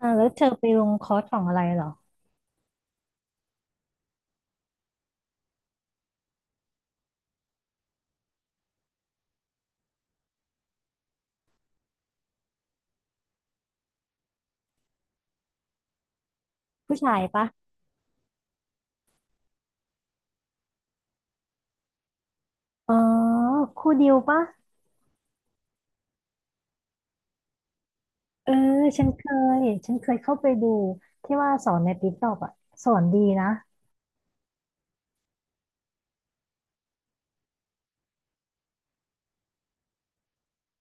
แล้วเธอไปลงคอร์สของอะไรเหรอผู้ชายปะอ๋อครูดิวปะเออฉันเคยฉันเคยเข้าไปดูที่ว่าสอนในติ๊กต็อกอ่ะสอนดีนะ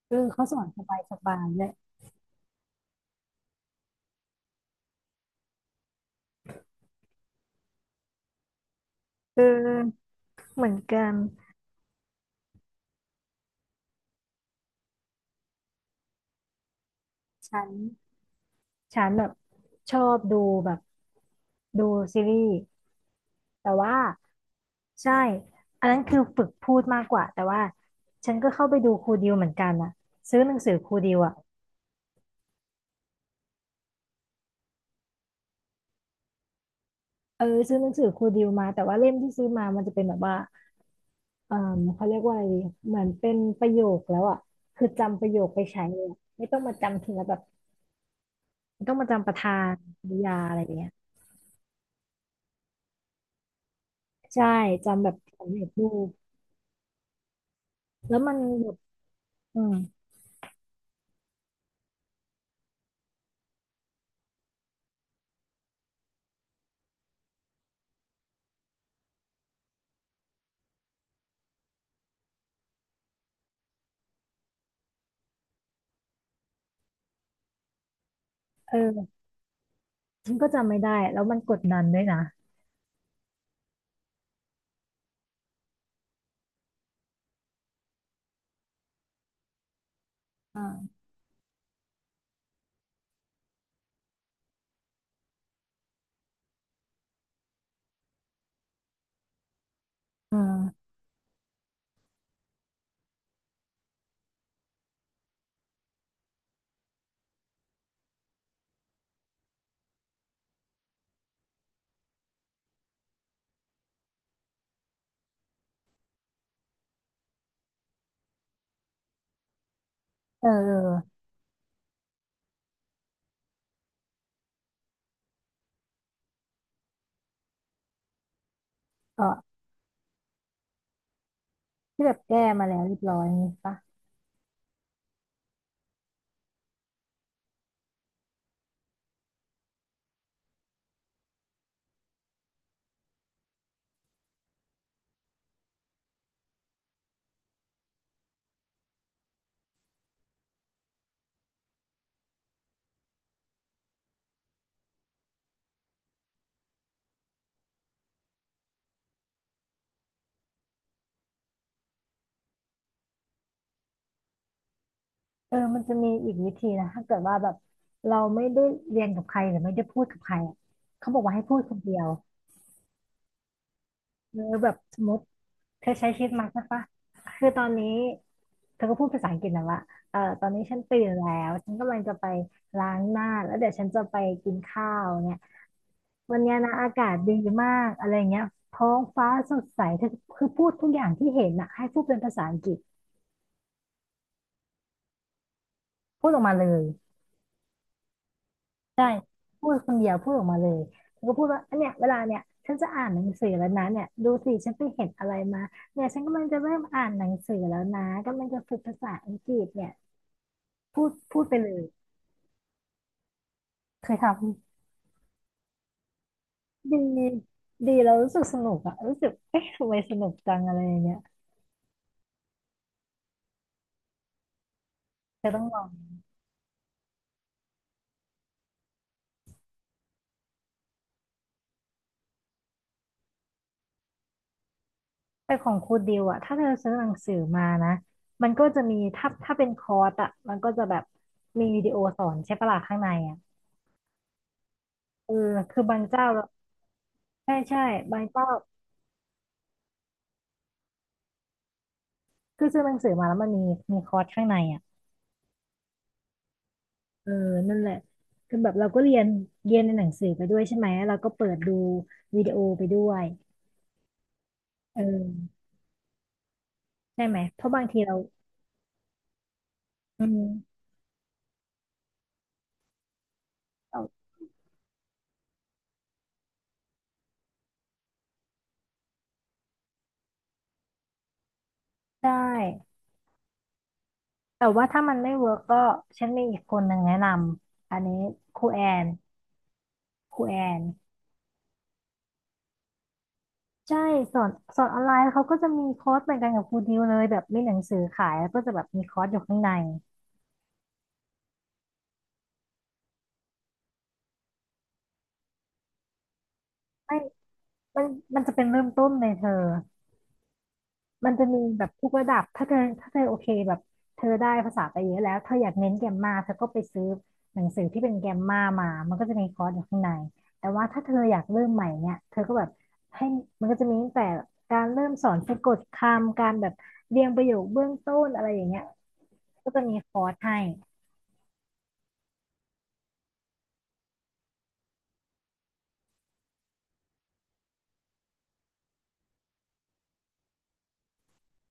เออเขาสอนสบายสบายเลยเออเหมือนกันฉันฉันแบบชอบดูแบบดูซีรีส์แต่ว่าใช่อันนั้นคือฝึกพูดมากกว่าแต่ว่าฉันก็เข้าไปดูครูดิวเหมือนกันอ่ะซื้อหนังสือครูดิวอ่ะเออซื้อหนังสือครูดิวมาแต่ว่าเล่มที่ซื้อมามันจะเป็นแบบว่า เอ่อเขาเรียกว่าอะไรดีเหมือนเป็นประโยคแล้วอ่ะคือจำประโยคไปใช้เลยอะไม่ต้องมาจำทีละแบบไม่ต้องมาจำประธานกริยาอะไรอย่างเงี้ยใช่จำแบบสำเร็จรูปแล้วมันแบบอืมเออฉันก็จำไม่ได้แล้วมันกดดันด้วยนะอ่าอืมเออเออเออที่แบบแก้มาแล้วเรียบร้อยนี่ปะเออมันจะมีอีกวิธีนะถ้าเกิดว่าแบบเราไม่ได้เรียนกับใครหรือไม่ได้พูดกับใครอะเขาบอกว่าให้พูดคนเดียวเออแบบสมมติ เธอใช้ชีวิตมาใช่ปะคือตอนนี้เธอก็พูดภาษาอังกฤษนะว่าเออตอนนี้ฉันตื่นแล้วฉันกำลังจะไปล้างหน้าแล้วเดี๋ยวฉันจะไปกินข้าวเนี่ยวันเนี้ยนะอากาศดีมากอะไรเงี้ยท้องฟ้าสดใสเธอคือพูดทุกอย่างที่เห็นนะให้พูดเป็นภาษาอังกฤษพูดออกมาเลยพูดคนเดียวพูดออกมาเลยเธอก็พูดว่าอันเนี้ยเวลาเนี่ยฉันจะอ่านหนังสือแล้วนะเนี่ยดูสิฉันไปเห็นอะไรมาเนี่ยฉันกำลังจะเริ่มอ่านหนังสือแล้วนะกำลังจะฝึกภาษาอังกฤษเนี่ยพูดพูดไปเลย เคยทำดีดีเรารู้สึกสนุกอะรู้สึกเอ๊ะทำไมสนุกจังอะไรอย่างเงี้ยเธอต้องลองแต่ของครูดิวอะถ้าเธอซื้อหนังสือมานะมันก็จะมีถ้าเป็นคอร์สอะมันก็จะแบบมีวิดีโอสอนใช่ปะล่ะข้างในอะเออคือบางเจ้าเราใช่ใช่บางเจ้าคือซื้อหนังสือมาแล้วมันมีมีคอร์สข้างในอะเออนั่นแหละคือแบบเราก็เรียนเรียนในหนังสือไปด้วยใช่ไหมเราก็เปิดดูวิดีโอไปด้วยเออใช่ไหมเพราะบางทีเราอืมเรา ได้แต่ว่าถ้ามันไม่เวิร์กก็ฉันมีอีกคนหนึ่งแนะนำอันนี้ครูแอนครูแอนใช่สอนสอนออนไลน์เขาก็จะมีคอร์สเหมือนกันกับครูดิวเลยแบบมีหนังสือขายแล้วก็จะแบบมีคอร์สอยู่ข้างในไม่มันมันจะเป็นเริ่มต้นเลยเธอ มันจะมีแบบทุกระดับ ถ้าเธอถ้าเธอโอเคแบบเธอได้ภาษาไปเยอะแล้วเธออยากเน้นแกรมมาเธอก็ไปซื้อหนังสือที่เป็นแกรมมามามันก็จะมีคอร์สอยู่ข้างในแต่ว่าถ้าเธออยากเริ่มใหม่เนี่ยเธอก็แบบให้มันก็จะมีตั้งแต่การเริ่มสอนสะกดคำการแบบเรียงประโยคเบื้องต้นอะไรอย่างเงี้ยก็จะมีคอร์สให้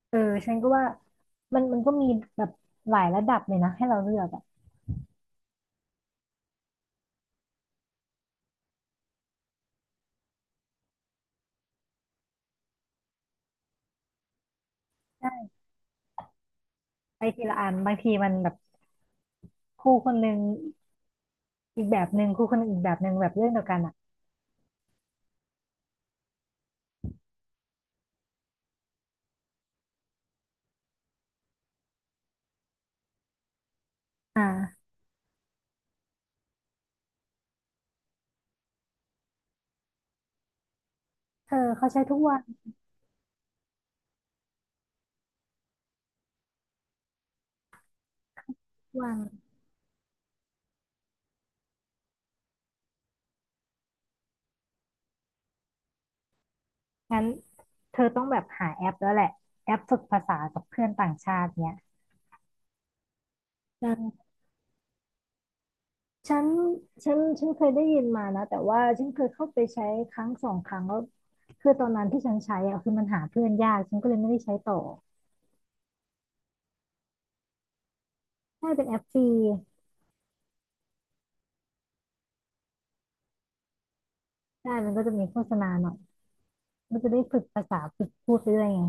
เออฉันก็ว่ามันมันก็มีแบบหลายระดับเลยนะให้เราเลือกอะใช่ไปทีละอันบางทีมันแบบครูคนหนึ่งอีกแบบหนึ่งครูคนหนึ่งอีกแบบหนึ่งแบบเรื่องเดียวกันอะ อ่าเธอเขาใช้ทุกวันทุกวันงั้นเธอต้องแบบหาแอปแล้วแหละแอปฝึกภาษากับเพื่อนต่างชาติเนี่ยเออฉันฉันเคยได้ยินมานะแต่ว่าฉันเคยเข้าไปใช้ครั้งสองครั้งแล้วคือตอนนั้นที่ฉันใช้อะคือมันหาเพื่อนยากฉันก็เลยไม่ได้ใช้ต่อถ้าเป็นแอปฟรีได้มันก็จะมีโฆษณาหน่อยมันจะได้ฝึกภาษาฝึกพูดไปด้วยไง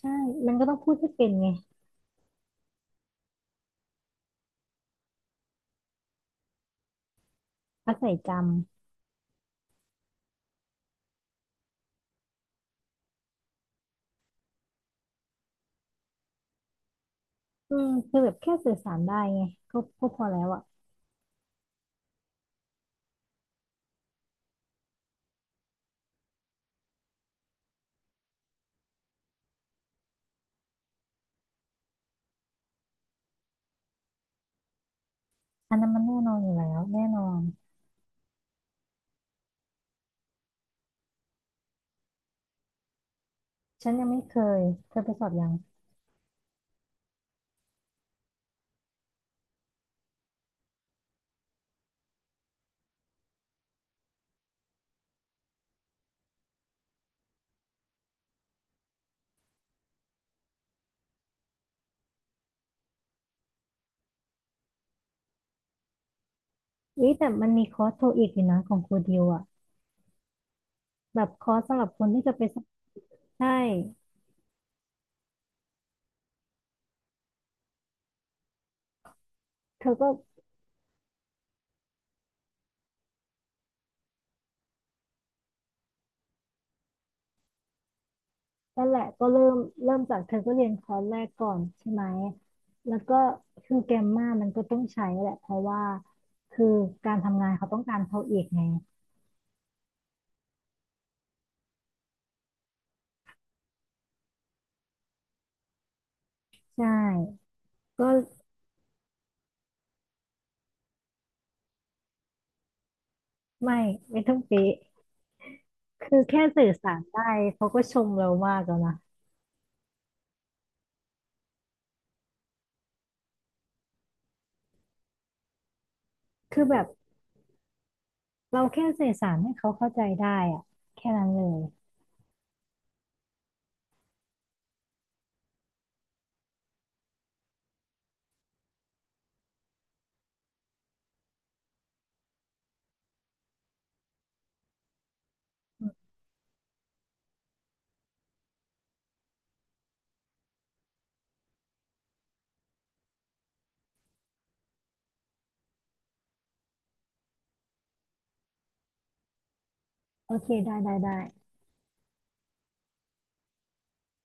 ใช่มันก็ต้องพูดให้เป็นไงอาศัยจำอืมคือแบบแค่สื่อสารได้ไงก็ก็พอแล้วอะ อันนั้นมันแน่นอนอยู่แล้วแน่นอนฉันยังไม่เคยเคยไปสอบยังอุ้ยแต่มันมีคอร์สโทอีกอยู่นะของครูดิวอะแบบคอร์สสำหรับคนที่จะไปสอบใช่เธอก็นั่นแหละก็เริ่มจากเธอก็เรียนคอร์สแรกก่อนใช่ไหมแล้วก็คือแกมมามันก็ต้องใช้แหละเพราะว่าคือการทำงานเขาต้องการโทอีกไงใช่ก็ไม่ไม่ต้องเป๊ะคือแค่สื่อสารได้เขาก็ชมเรามากแล้วนะคือแบบ เราแค่สื่อสารให้เขาเข้าใจได้อะแค่นั้นเลยโอเคได้ได้ได้